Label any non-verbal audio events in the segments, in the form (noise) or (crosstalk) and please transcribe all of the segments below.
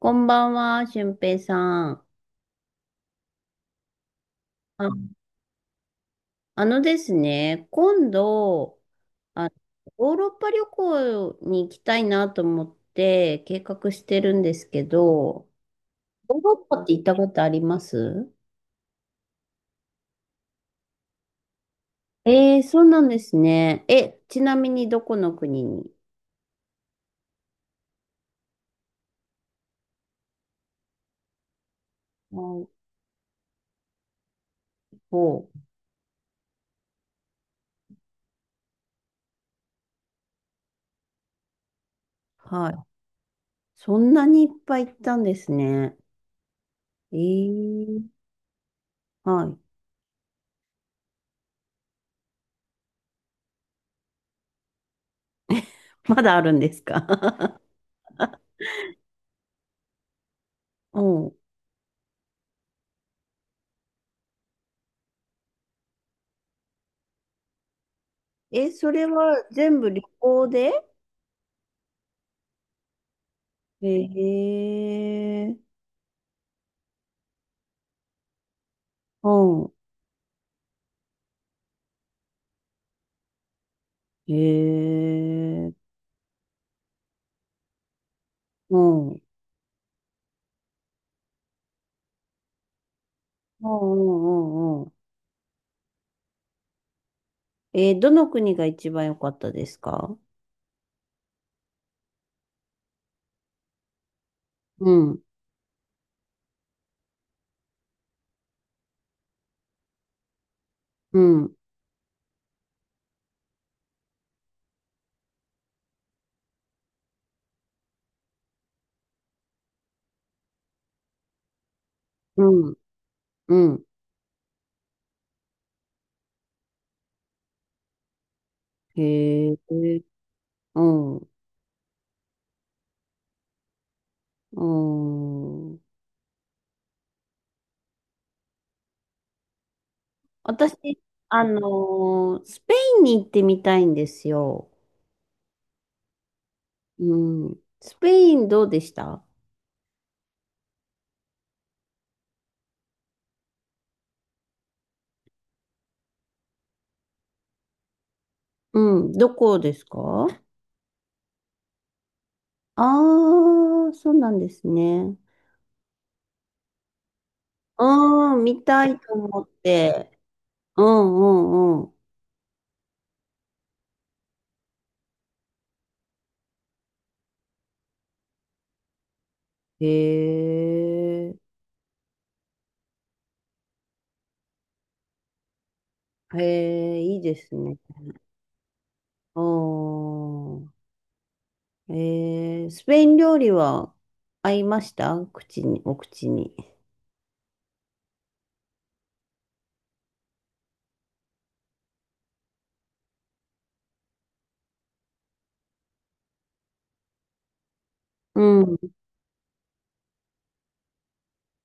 こんばんは、俊平さん。あ、あのですね、今度、あ、ヨーロッパ旅行に行きたいなと思って計画してるんですけど、ヨーロッパって行ったことあります？そうなんですね。え、ちなみにどこの国に？はい。お、はい。そんなにいっぱい行ったんですね。えー、はい。まだあるんですか？ (laughs) うん。え、それは全部旅行で？ええ。うん。ええ。うん。うんうんうんうん。どの国が一番良かったですか？うん。うん。うん。うん。へえ。うん。うん。私、あのスペインに行ってみたいんですよ。うん。スペインどうでした？うん。どこですか？ああー、そうなんですね。うん、見たいと思って。うんうんうん。へえ、へえ、いいですね。あー、スペイン料理は合いましたお口に？うん、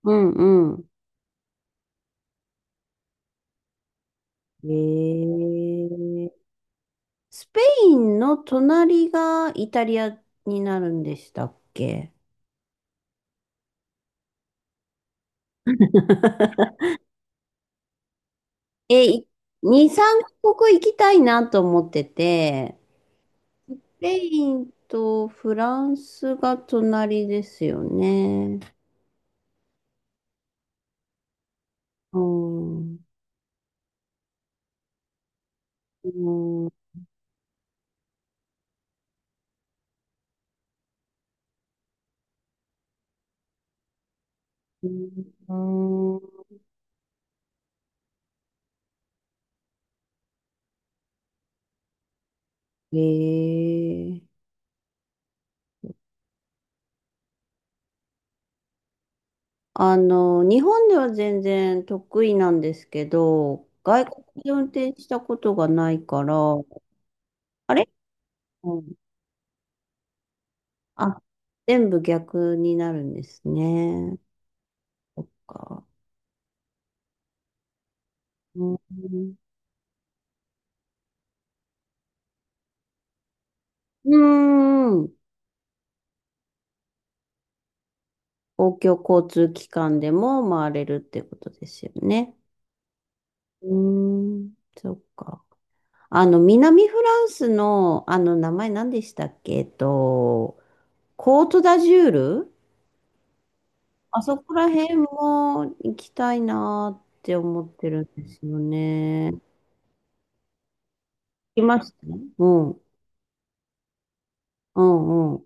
うん、うん。へえー、スペインの隣がイタリアになるんでしたっけ？え、2、3カ国行きたいなと思ってて、スペインとフランスが隣ですよね。うん。うん。うん。ええ。あの、日本では全然得意なんですけど、外国で運転したことがないから、あれ、うん、あ、全部逆になるんですね。そっか。うん。うん。公共交通機関でも回れるってことですよね。うん。そっか。あの、南フランスの、あの、名前何でしたっけ？コートダジュール。あそこら辺も行きたいなーって思ってるんですよね。行きました？うん、うん、うん、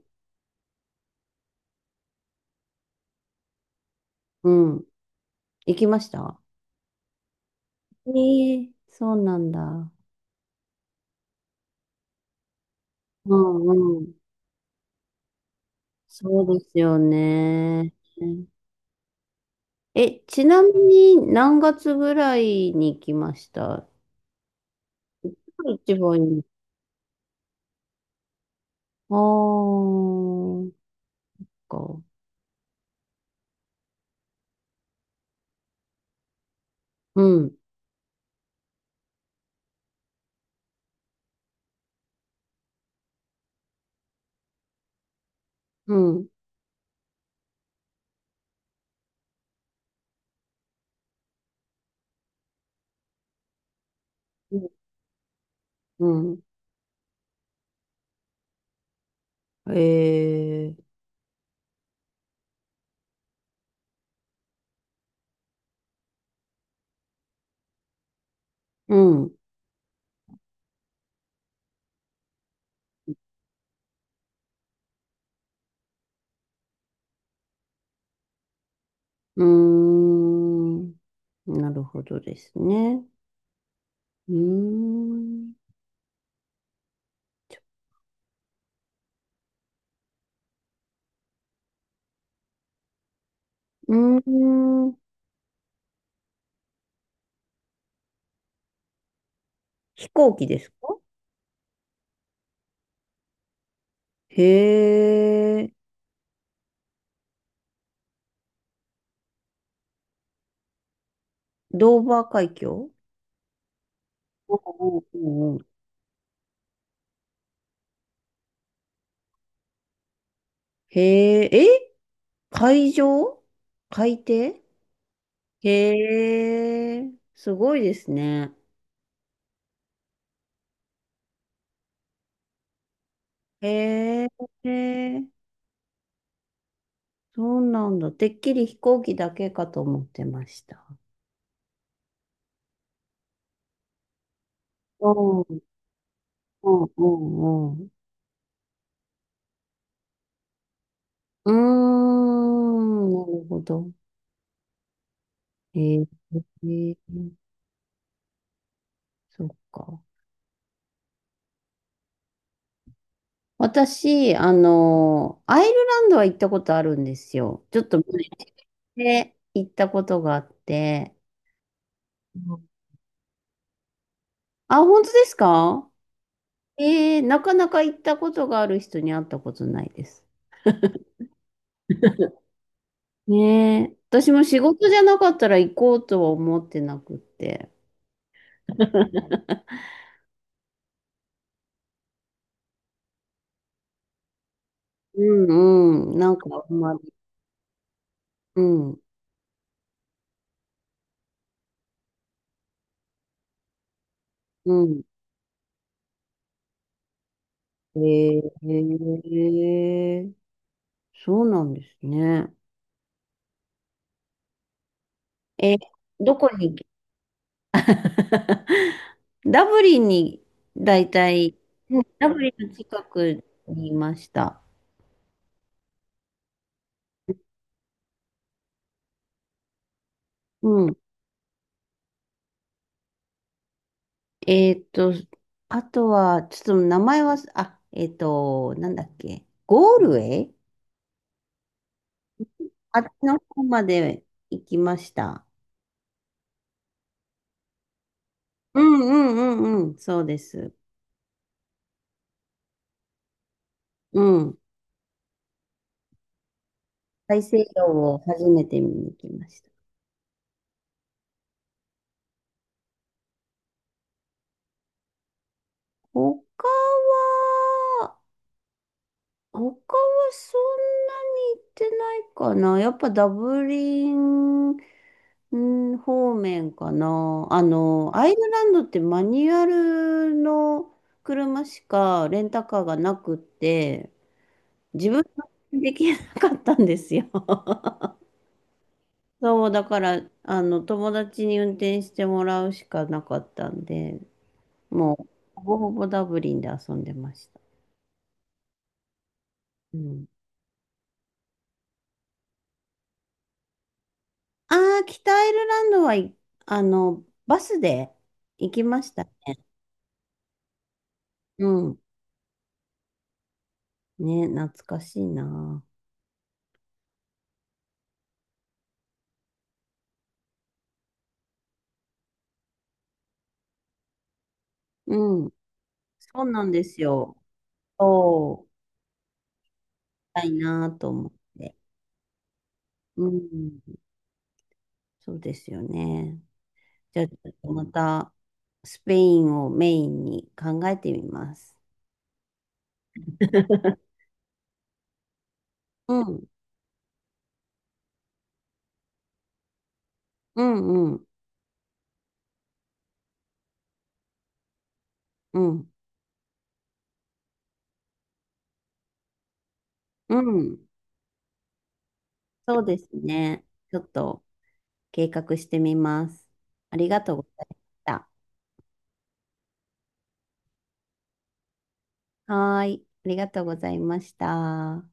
うん。行きました？そうなんだ。うん、うん。そうですよね。え、ちなみに何月ぐらいに行きました？一番いい。あー、そっか。うん、うん、うん、うん。うん、うーん、なるほどですね。うーん、うーん、飛行機ですか？へえ、ドーバー海峡？うんうんうん。へえ、え、海上？海底？へえ、すごいですね。へえ、そうなんだ。てっきり飛行機だけかと思ってました。うんうんうんうん。うーん、なるほど。えー、えーそっか。私、あの、アイルランドは行ったことあるんですよ。ちょっと前で行ったことがあって。うん。あ、本当ですか？なかなか行ったことがある人に会ったことないです。ねえ。私も仕事じゃなかったら行こうとは思ってなくって。(laughs) うんうん。なんかあんまり。うん。うん。えー、そうなんですね。え、どこに、(laughs) ダブリンに、だいたい、うん。ダブリンの近くにいました。うん。えっと、あとは、ちょっと名前は、あ、なんだっけ、ゴールウェイ。あっちの方まで行きました。うんうんうんうん、そうです。うん。大西洋を初めて見に行きました。他は、他はそんなに行ってないかな。やっぱダブリンうん方面かな。あの、アイルランドってマニュアルの車しかレンタカーがなくって、自分はできなかったんですよ。(laughs) そう、だから、あの、友達に運転してもらうしかなかったんで、もう、ほぼほぼダブリンで遊んでました。うん。ああ、北アイルランドは、あの、バスで行きましたね。うん。ね、懐かしいな。うん。そうなんですよ。そう、たいなと思って。うん。そうですよね。じゃあ、ちょっとまた、スペインをメインに考えてみます。(laughs) うん、うん、うん、うん、うん。そうですね。ちょっと計画してみます。ありがとうございました。はーい。ありがとうございました。